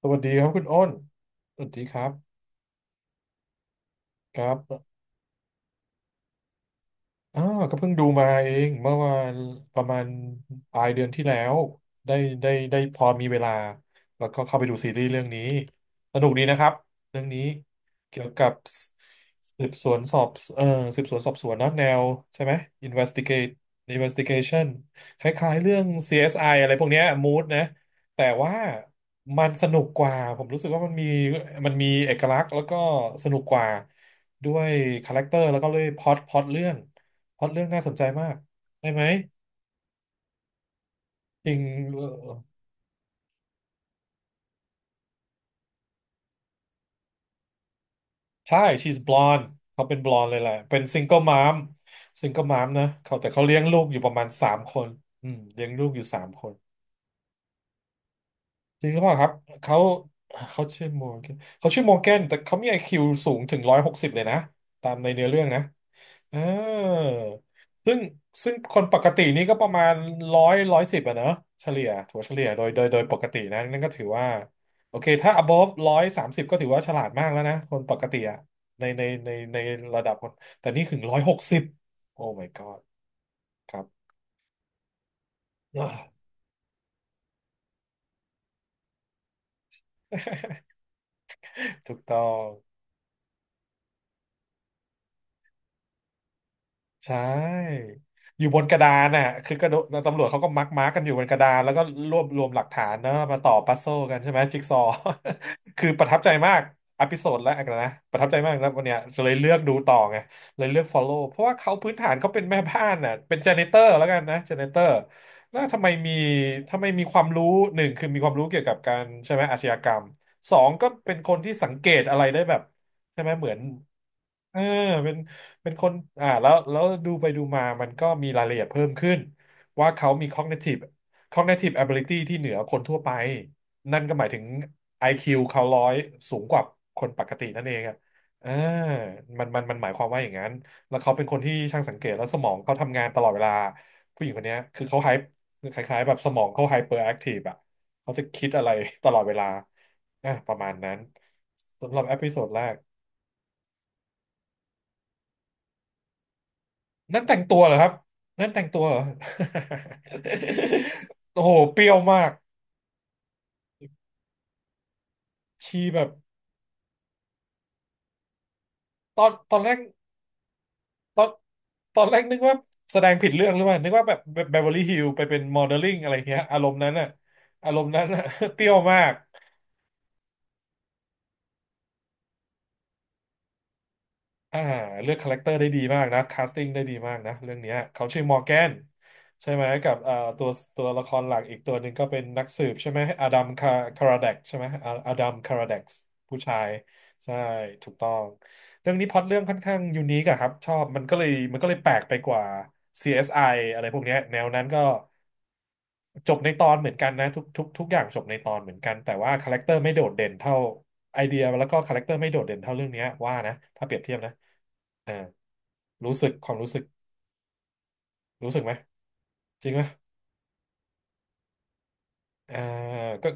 สวัสดีครับคุณอ้น สวัสดีครับครับ อ่าก็เพิ่งดูมาเองเมื่อวานประมาณปลายเดือนที่แล้วได้ได้พอมีเวลาแล้วก็เข้าไปดูซีรีส์เรื่องนี้สนุกดีนะครับเรื่องนี้เกี่ยวกับสืบสวนสอบเอ่อสืบสวนสอบสวนเนอะแนวใช่ไหม investigate investigation คล้ายๆเรื่อง CSI อสไออะไรพวกเนี้ย mood นะแต่ว่ามันสนุกกว่าผมรู้สึกว่ามันมีเอกลักษณ์แล้วก็สนุกกว่าด้วยคาแรคเตอร์แล้วก็เลยพล็อตเรื่อง พล็อตเรื่องน่าสนใจมากได้ไหมจริงเออใช่ she's blonde เขาเป็นบลอนเลยแหละเป็นซิงเกิลม m มซิงเกิลม m มนะเขาแต่เขาเลี้ยงลูกอยู่ประมาณสามคนอืมเลี้ยงลูกอยู่สามคนจริงหรือเปล่าครับเขาเขาชื่อโมเกนเขาชื่อโมเกนแต่เขามีไอคิวสูงถึงร้อยหกสิบเลยนะตามในเนื้อเรื่องนะ เออซึ่งซึ่งคนปกตินี่ก็ประมาณร้อยสิบอะเนอะเฉลี่ยถั่วเฉลี่ยโดยปกตินะนั่นก็ถือว่าโอเคถ้า above 130ก็ถือว่าฉลาดมากแล้วนะคนปกติอะในระดับคนแต่นี่ถึงร้อยหกสิบโอ้ my god ครับ ถูกต้อง ใช่ อยู่บนกระดานน่ะคือกระโดดตำรวจเขาก็มักมาร์กกันอยู่บนกระดานแล้วก็รวบรวมหลักฐานเนอะมาต่อปัซเซิลกันใช่ไหมจิ๊กซอว์ คือประทับใจมากอพิโซดแรกนะประทับใจมากแล้ววันเนี้ยเลยเลือกดูต่อไงเลยเลือก follow เพราะว่าเขาพื้นฐานเขาเป็นแม่บ้านน่ะเป็น janitor แล้วกันนะ janitor แล้วทำไมมีความรู้หนึ่งคือมีความรู้เกี่ยวกับการใช่ไหมอาชญากรรมสองก็เป็นคนที่สังเกตอะไรได้แบบใช่ไหมเหมือนเออเป็น เป็นคนแล้วดูไปดูมา มันก็มีรายละเอียดเพิ่มขึ้น ว่าเขามี cognitive ability ที่เหนือคนทั่วไป นั่นก็หมายถึง IQ เขาร้อยสูงกว่าคนปกตินั่นเองอ่ะอ่ามันหมายความว่าอย่างนั้น แล้วเขาเป็นคนที่ช่างสังเกต แล้วสมองเขาทำงานตลอดเวลาผู้หญิงคนเนี้ย คือเขาไฮคล้ายๆแบบสมองเขาไฮเปอร์แอคทีฟอ่ะเขาจะคิดอะไรตลอดเวลาอ่ะประมาณนั้น สำหรับเอพิโซดแรก นั่นแต่งตัวเหรอครับนั่นแต่งตัวเหรอ โอ้โหเปรี้ยวมากชีแบบตอนตอนแรกตอนตอนแรกนึกว่าแสดงผิดเรื่องหรือเปล่านึกว่าแบบเบเวอร์ลี่ฮิลไปเป็นโมเดลลิ่งอะไรเงี้ยอารมณ์นั้นน่ะ เปรี้ยวมาก อ่าเลือกคาแรคเตอร์ได้ดีมากนะคาสติ้งได้ดีมากนะเรื่องเนี้ยเขาชื่อมอร์แกนใช่ไหมกับตัวละครหลักอีกตัวหนึ่งก็เป็นนักสืบใช่ไหมอดัมคาคาราเดกใช่ไหมอาอดัมคาราเดกผู้ชายใช่ถูกต้องเรื่องนี้พล็อตเรื่องค่อนข้างยูนิคอะครับชอบมันก็เลยแปลกไปกว่า CSI อสไออะไรพวกเนี้ยแนวนั้นก็จบในตอนเหมือนกันนะทุกอย่างจบในตอนเหมือนกันแต่ว่าคาแรคเตอร์ไม่โดดเด่นเท่าไอเดียแล้วก็คาแรคเตอร์ไม่โดดเด่นเท่าเรื่องเนี้ยว่านะถ้าเปรียบเทียบนะ รู้สึกความรู้สึกรู้สึกไหมจริงไหมอ่าก็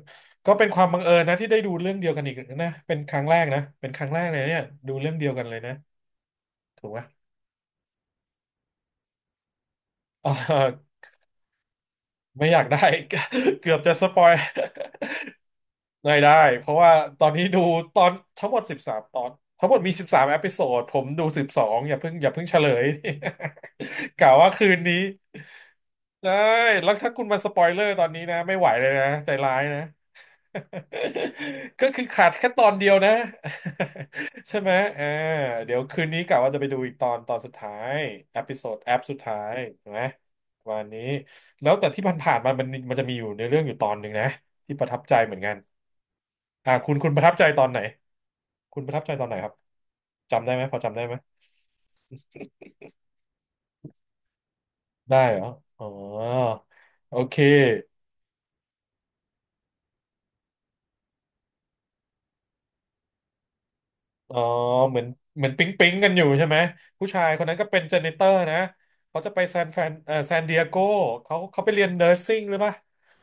ก็เป็นความบังเอิญนะที่ได้ดูเรื่องเดียวกันอีกนะเป็นครั้งแรกนะเป็นครั้งแรกเลยเนี่ยดูเรื่องเดียวกันเลยนะถูกไหมอ่าไม่อยากได้ เกือบจะสปอย ได้ เพราะว่าตอนนี้ดูตอนทั้งหมด13 ตอนทั้งหมดมี13 เอพิโซดผมดู12อย่าเพิ่งเฉลย กล่าวว่าคืนนี้ได้แล้วถ้าคุณมาสปอยเลอร์ตอนนี้นะไม่ไหวเลยนะใจร้ายนะ ก็คือขาดแค่ตอนเดียวนะ ใช่ไหมอ่าเดี๋ยวคืนนี้กะว่าจะไปดูอีกตอนตอนสุดท้ายเอพิโซดแอปสุดท้ายถูกไหมวันนี้แล้วแต่ที่ผ่านๆมามันจะมีอยู่ในเรื่องอยู่ตอนหนึ่งนะที่ประทับใจเหมือนกัน คุณประทับใจตอนไหนคุณประทับใจตอนไหนครับจำได้ไหมพอจำได้ไหมได้เหรออ๋อโอเคอ๋อเหมือนเหมือนปิ๊งปิ๊งกันอยู่ใช่ไหมผู้ชายคนนั้นก็เป็นเจเนเตอร์นะเขาจะไปซานแฟนซานดิเอโกเขาไปเรียนเ u อร์ซิ่งหรือเปล่า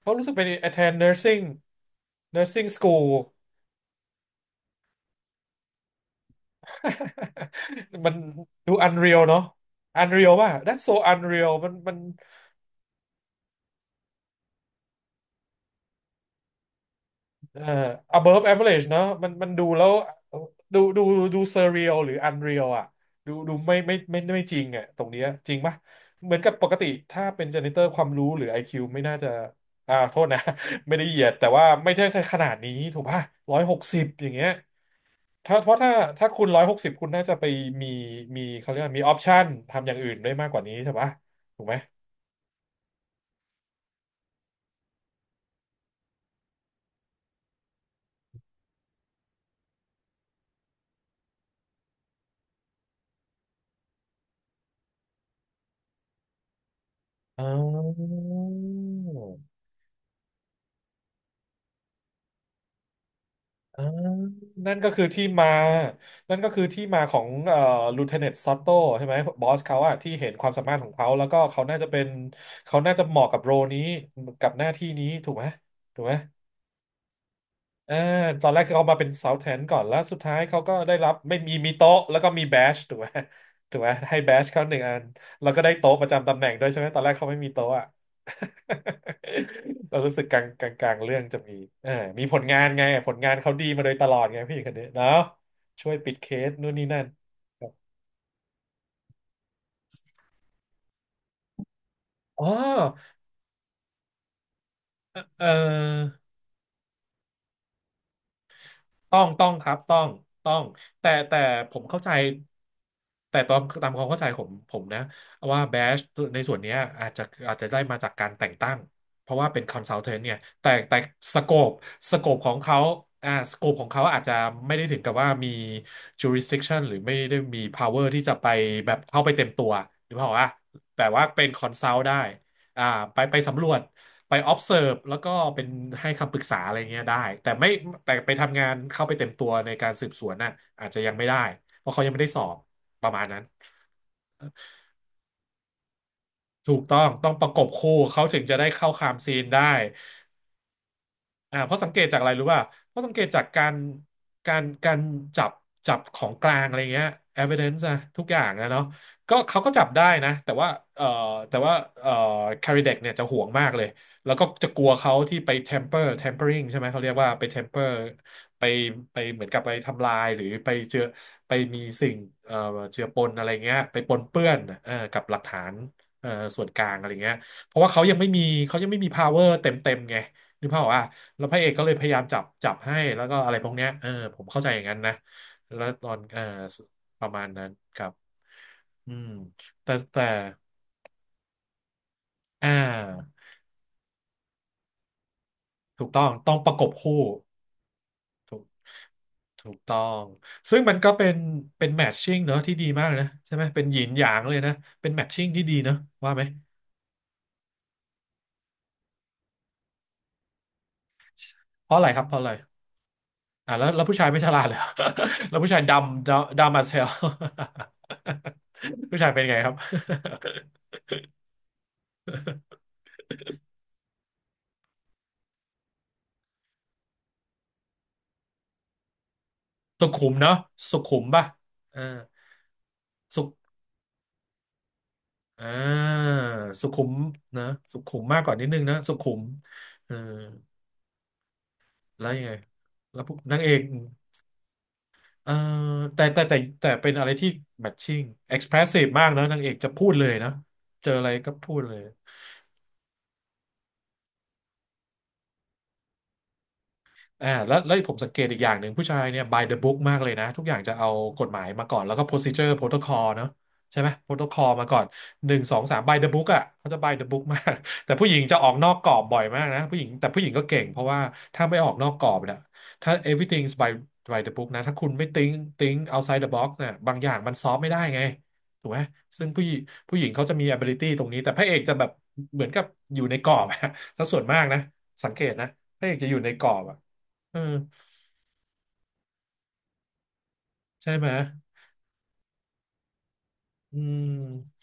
เขารู้สึกไป attend nursing nursing school มันดู unreal เนอะ unreal ป่ะ that's so unreal มัน เอ่อ above average เนอะมันดูแล้วดูดูดู surreal หรือ unreal อ่ะดูดูไม่ไม่จริงอ่ะตรงเนี้ยจริงปะเหมือนกับปกติถ้าเป็น janitor ความรู้หรือ IQ ไม่น่าจะโทษนะ ไม่ได้เหยียดแต่ว่าไม่ได้ขนาดนี้ถูกปะร้อยหกสิบอย่างเงี้ยถ้าเพราะถ้าถ้าคุณร้อยหกสิบคุณน่าจะไปมีมีเขาเรียกว่ามีออปชันทำอย่างอื่นได้มากกว่านี้ใช่ปะถูกไหมอ๋อ อ่านั่นก็คือที่มานั่นก็คือที่มาของลูเทเนนต์ซัตโต้ใช่ไหมบอสเขาอะที่เห็นความสามารถของเขาแล้วก็เขาน่าจะเป็นเขาน่าจะเหมาะกับโรนี้กับหน้าที่นี้ถูกไหมถูกไหม เออตอนแรกเขามาเป็นเ o า t h แทนก่อนแล้วสุดท้ายเขาก็ได้รับไม่มีมีโต๊ะแล้วก็มีแบชถูกไหมถูกไหมให้แบชเขาหนึ่งอันแล้วก็ได้โต๊ะประจำตำแหน่งด้วยใช่ไหมตอนแรกเขาไม่มีโต๊ะอะ เรารู้สึกกลางเรื่องจะมีเออมีผลงานไงผลงานเขาดีมาโดยตลอดไงพี่คนนี้เนาะช่วยปิดเคสนู่นนี่นั่นอ๋อเออ ต้องครับต้องต้องแต่ผมเข้าใจแต่ตามความเข้าใจผมนะว่าแบชในส่วนเนี้ยอาจจะได้มาจากการแต่งตั้งเพราะว่าเป็นคอนซัลเทนต์เนี่ยแต่สโกปสโกปของเขาสโกปของเขาอาจจะไม่ได้ถึงกับว่ามี jurisdiction หรือไม่ได้มี power ที่จะไปแบบเข้าไปเต็มตัวหรือเปล่าอะแต่ว่าเป็นคอนซัล t ได้อ่าไปไปสำรวจ ไป observe แล้วก็เป็นให้คำปรึกษาอะไรเงี้ยได้แต่ไม่แต่ไปทำงานเข้าไปเต็มตัวในการสืบสวนน่ะอาจจะยังไม่ได้เพราะเขายังไม่ได้สอบประมาณนั้นถูกต้องต้องประกบคู่เขาถึงจะได้เข้าคามซีนได้ เพราะสังเกตจากอะไรรู้ป่ะเพราะสังเกตจากการจับจับของกลางอะไรเงี้ย evidence อะทุกอย่างนะเนาะก็เขาก็จับได้นะแต่ว่าเอ่อแต่ว่าเอ่อ Carradec เนี่ยจะห่วงมากเลยแล้วก็จะกลัวเขาที่ไป temper tampering ใช่ไหมเขาเรียกว่าไป temper ไปไปเหมือนกับไปทำลายหรือไปเจือไปมีสิ่งเอ่อเจือปนอะไรเงี้ยไปปนเปื้อนกับหลักฐานเอ่อส่วนกลางอะไรเงี้ยเพราะว่าเขายังไม่มีเขายังไม่มี power เต็มไง นึกภาพออกอ่ะแล้วพระเอกก็เลยพยายามจับจับให้แล้วก็อะไรพวกเนี้ยเออผมเข้าใจอย่างนั้นนะแล้วตอนเออประมาณนั้นครับอืมแต่อ่าถูกต้องต้องประกบคู่ถูกต้องซึ่งมันก็เป็นเป็นแมทชิ่งเนอะที่ดีมากนะใช่ไหมเป็นหยินหยางเลยนะเป็นแมทชิ่งที่ดีเนอะว่าไหมเพราะอะไรครับเพราะอะไรแล้วผู้ชายไม่ฉลาดเลย แล้วผู้ชายดำมาเซล ผู้ชายเป็นไงครับ สุขุมเนาะสุขุมป่ะเออสุขอ่าสุขุมนะสุขุมมากกว่านิดนึงนะสุขุมเออแล้วยังไงแล้วพวกนางเอกเออแต่เป็นอะไรที่แมทชิ่ง expressive มากนะนางเอกจะพูดเลยนะเจออะไรก็พูดเลย แล้วผมสังเกตอีกอย่างหนึ่งผู้ชายเนี่ย by the book มากเลยนะทุกอย่างจะเอากฎหมายมาก่อนแล้วก็ procedure protocol เนอะใช่ไหม protocol มาก่อนหนึ่งสองสาม by the book อ่ะเขาจะ by the book มาก แต่ผู้หญิงจะออกนอกกรอบบ่อยมากนะผู้หญิงแต่ผู้หญิงก็เก่งเพราะว่าถ้าไม่ออกนอกกรอบเนี่ยถ้า everything's by by the book นะถ้าคุณไม่ think think outside the box เนี่ยบางอย่างมันซอฟไม่ได้ไงถูกไหมซึ่งผู้หญิงผู้หญิงเขาจะมี ability ตรงนี้แต่พระเอกจะแบบเหมือนกับอยู่ในกรอบอะ ซะส่วนมากนะสังเกตนะพระเอกจะอยู่ในกรอบอะ เออใช่ไหมอืม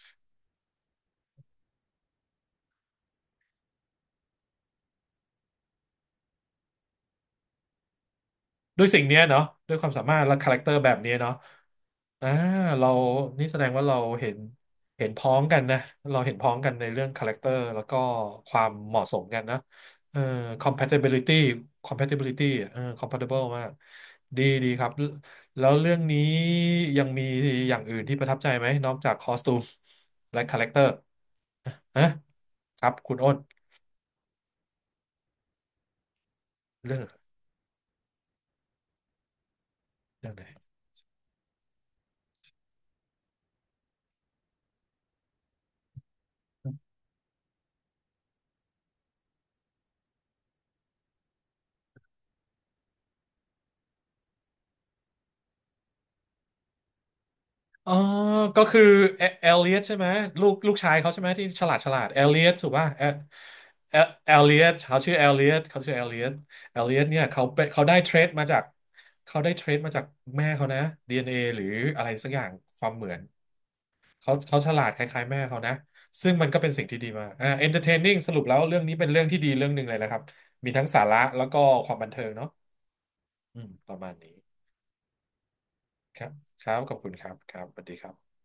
ด้วยสิ่งเนี้ยเนาะด้วยความสามารถและคาแรคเตอร์แบบเนี้ยเนาะอ่าเรานี่แสดงว่าเราเห็นเห็นพ้องกันนะเราเห็นพ้องกันในเรื่องคาแรคเตอร์แล้วก็ความเหมาะสมกันนะเออ compatibility compatibility เออ compatible มาก ดีดีครับ แล้วเรื่องนี้ยังมีอย่างอื่นที่ประทับใจไหมนอกจากคอสตูมและคาแรคเตอร์ฮะครับ คุณอ้นเรื่องเรื่องไหน อ๋อก็คือเอเอลเลียตใช่ไหมลูกลูกชายเขาใช่ไหมที่ฉลาดฉลาดเอลเลียตถูกป่ะเอเอเอลเลียตเขาชื่อเอลเลียตเขาชื่อเอลเลียตเอลเลียตเนี่ยเขาเป็นเขาได้เทรดมาจากแม่เขานะดีเอ็น n อหรืออะไรสักอย่างความเหมือนเขาฉลาดคล้ายๆแม่เขานะซึ่งมันก็เป็นสิ่งที่ดีมากอ่า entertaining สรุปแล้วเรื่องนี้เป็นเรื่องที่ดีเรื่องหนึ่งเลยนะครับมีทั้งสาระแล้วก็ความบันเทิงเนาะอืมประมาณนี้ครับครับขอบคุณครับครับสวัสดีครับ